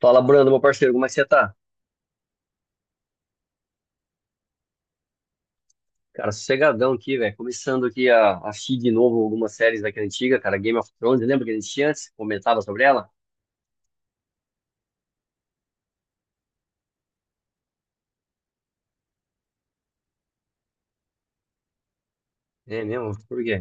Fala, Brando, meu parceiro, como é que você tá? Cara, sossegadão aqui, velho. Começando aqui a assistir de novo algumas séries daquela antiga, cara. Game of Thrones, lembra que a gente tinha antes? Comentava sobre ela? É mesmo? Por quê?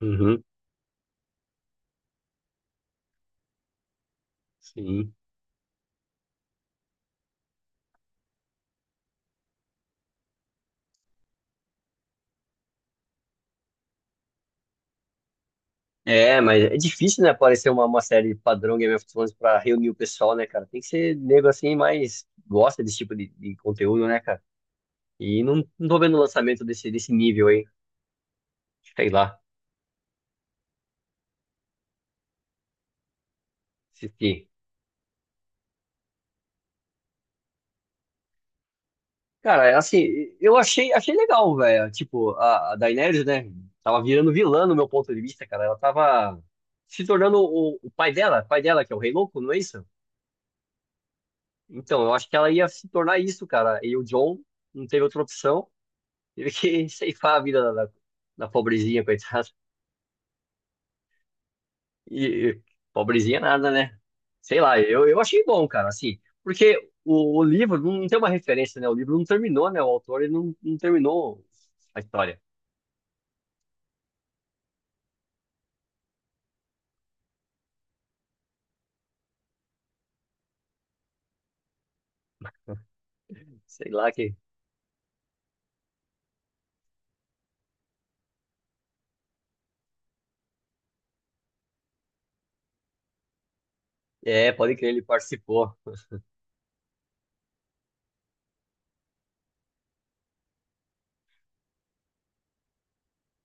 Uhum, sim. É, mas é difícil, né, aparecer uma série padrão Game of Thrones pra reunir o pessoal, né, cara? Tem que ser nego assim, mas gosta desse tipo de conteúdo, né, cara? E não, não tô vendo o lançamento desse, desse nível aí. Sei lá. Assistir. Cara, é assim, achei legal, velho. Tipo, a Daenerys, né? Tava virando vilã no meu ponto de vista, cara. Ela tava se tornando o pai dela, que é o Rei Louco, não é isso? Então, eu acho que ela ia se tornar isso, cara. E o Jon não teve outra opção. Teve que ceifar a vida da, da, da pobrezinha, coitada. E, e- Pobrezinha nada, né? Sei lá, eu achei bom, cara, assim. Porque o livro não tem uma referência, né? O livro não terminou, né? O autor ele não, não terminou a história. Sei lá que. É, pode crer, ele participou.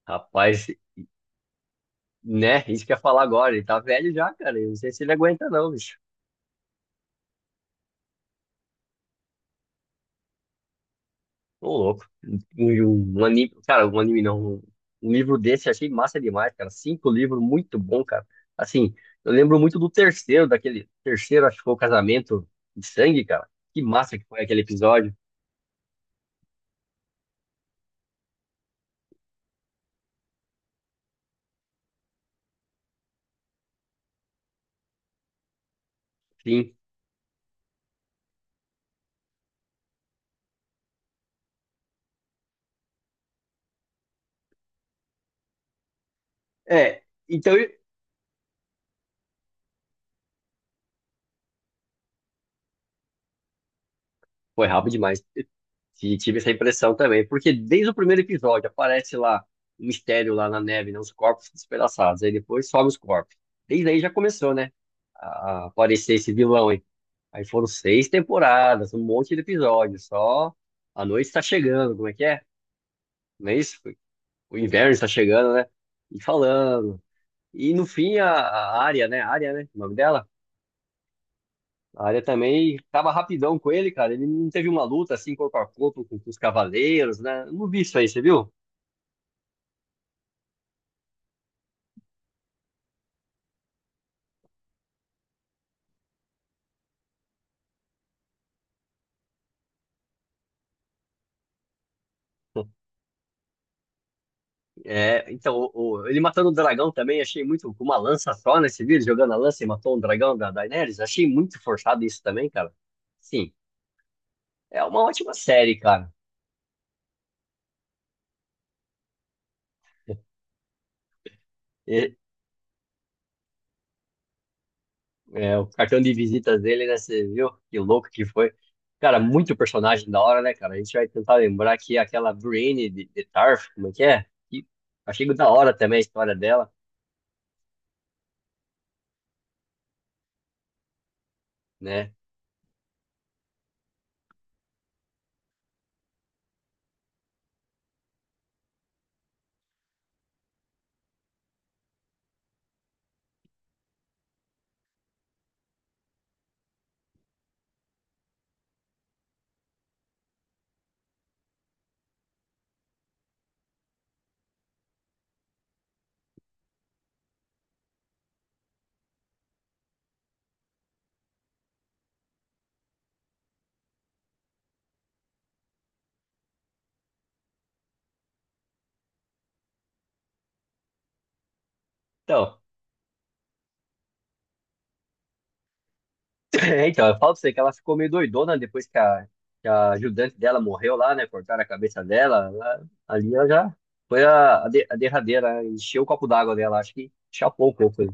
Rapaz, né? Isso que eu ia falar agora. Ele tá velho já, cara. Eu não sei se ele aguenta, não, bicho. Ô, louco. Um anime, cara, um anime não. Um um livro desse eu achei massa demais, cara. Cinco livros, muito bom, cara. Assim, eu lembro muito do terceiro, daquele terceiro, acho que foi o Casamento de Sangue, cara. Que massa que foi aquele episódio. Sim. É, então. Foi rápido demais. E tive essa impressão também, porque desde o primeiro episódio aparece lá um mistério lá na neve, né? Os corpos despedaçados. Aí depois sobe os corpos. Desde aí já começou, né? A aparecer esse vilão aí. Aí foram seis temporadas, um monte de episódios. Só a noite está chegando, como é que é? Não é isso? O inverno está chegando, né? E falando. E no fim a Arya, né? Arya, né? O nome dela? A área também tava rapidão com ele, cara. Ele não teve uma luta assim, corpo a corpo, com os cavaleiros, né? Eu não vi isso aí, você viu? É, então, ele matando o dragão também, achei muito. Com uma lança só nesse vídeo, jogando a lança e matou um dragão da Daenerys. Achei muito forçado isso também, cara. Sim, é uma ótima série, cara. E- o cartão de visitas dele, né? Você viu? Que louco que foi. Cara, muito personagem da hora, né, cara? A gente vai tentar lembrar que aquela Brienne de Tarth, como é que é? E achei da hora também a história dela. Né? Então, então, eu falo pra você que ela ficou meio doidona depois que a ajudante dela morreu lá, né? Cortaram a cabeça dela. Ali ela já foi a, a derradeira, né? Encheu o copo d'água dela, acho que chapou um pouco. Né?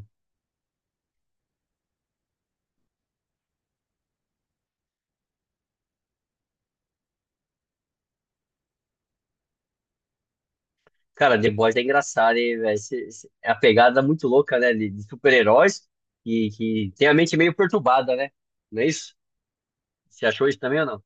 Cara, The Boys é engraçado, hein, velho? É a pegada muito louca, né? De super-heróis que tem a mente meio perturbada, né? Não é isso? Você achou isso também ou não?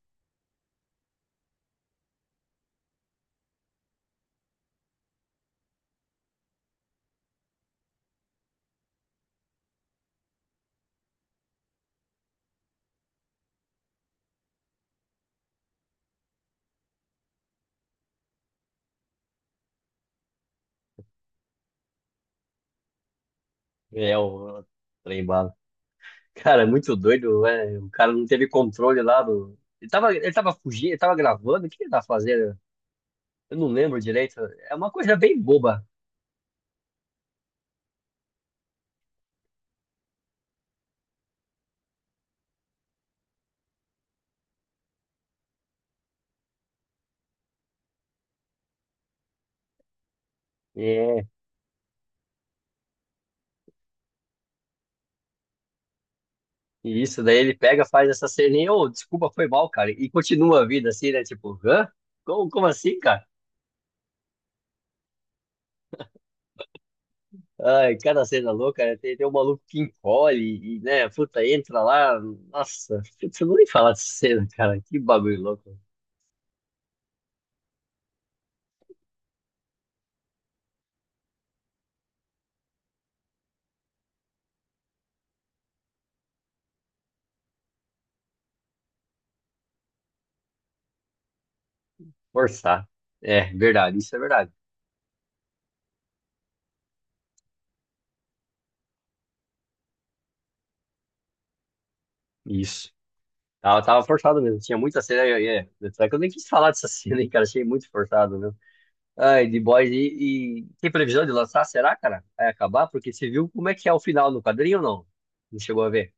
É, o trem. Cara, é muito doido, né? O cara não teve controle lá do. Ele tava fugindo, ele tava gravando, o que ele tava fazendo? Eu não lembro direito. É uma coisa bem boba. É, e isso, daí ele pega, faz essa ceninha, ô, desculpa, foi mal, cara. E continua a vida assim, né? Tipo, hã? Como, como assim, cara? Ai, cada cena louca, né? Tem um maluco que encolhe e, né, puta, entra lá. Nossa, putz, eu não nem falar dessa cena, cara. Que bagulho louco. Forçar. É, verdade, isso é verdade. Isso. Tava forçado mesmo. Tinha muita cena. Tanto é que eu nem quis falar dessa cena, hein, cara. Achei muito forçado mesmo. Ai, The Boys. E tem previsão de lançar? Será, cara? Vai acabar? Porque você viu como é que é o final no quadrinho ou não? Não chegou a ver?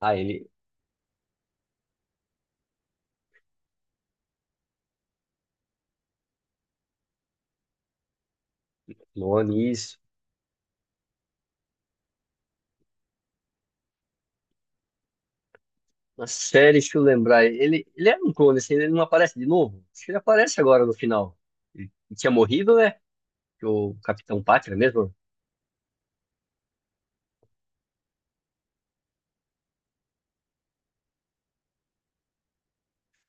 Ah, ele. Clone, isso. Na série, deixa eu lembrar. Ele era um clone, assim, ele não aparece de novo? Acho que ele aparece agora no final. Ele tinha morrido, né? Que O Capitão Pátria mesmo?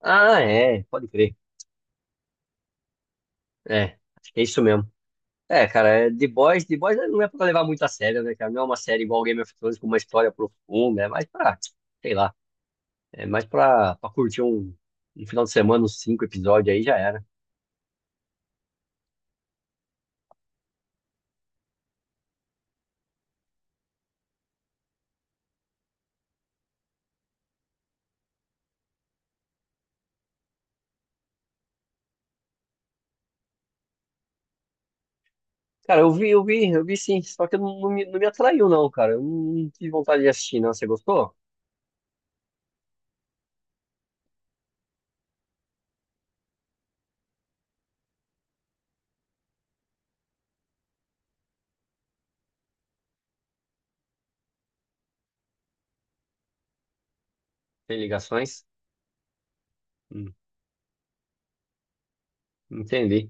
Ah, é. Pode crer. É. Acho que é isso mesmo. É, cara, é The Boys, The Boys não é pra levar muito a sério, né, cara? Não é uma série igual Game of Thrones com uma história profunda, é mais pra, sei lá, é mais pra, pra curtir um, um final de semana, uns cinco episódios aí já era. Cara, eu vi, eu vi, eu vi sim, só que não, não me atraiu não, cara. Eu não tive vontade de assistir, não. Você gostou? Tem ligações? Hum, entendi.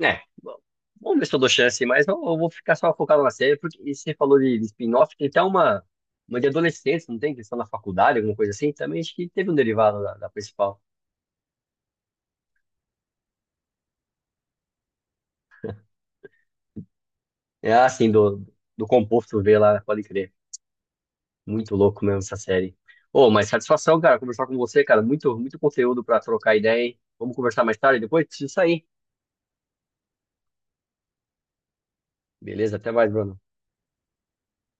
É, bom, vamos ver se eu dou chance, mas eu vou ficar só focado na série, porque e você falou de spin-off, tem até uma de adolescentes, não tem? Questão na faculdade, alguma coisa assim, também acho que teve um derivado da, da principal. É assim, do composto V lá, pode crer. Muito louco mesmo essa série. Ô, mas satisfação, cara, conversar com você, cara, muito, muito conteúdo pra trocar ideia, hein? Vamos conversar mais tarde, depois preciso sair. Beleza, até mais, Bruno.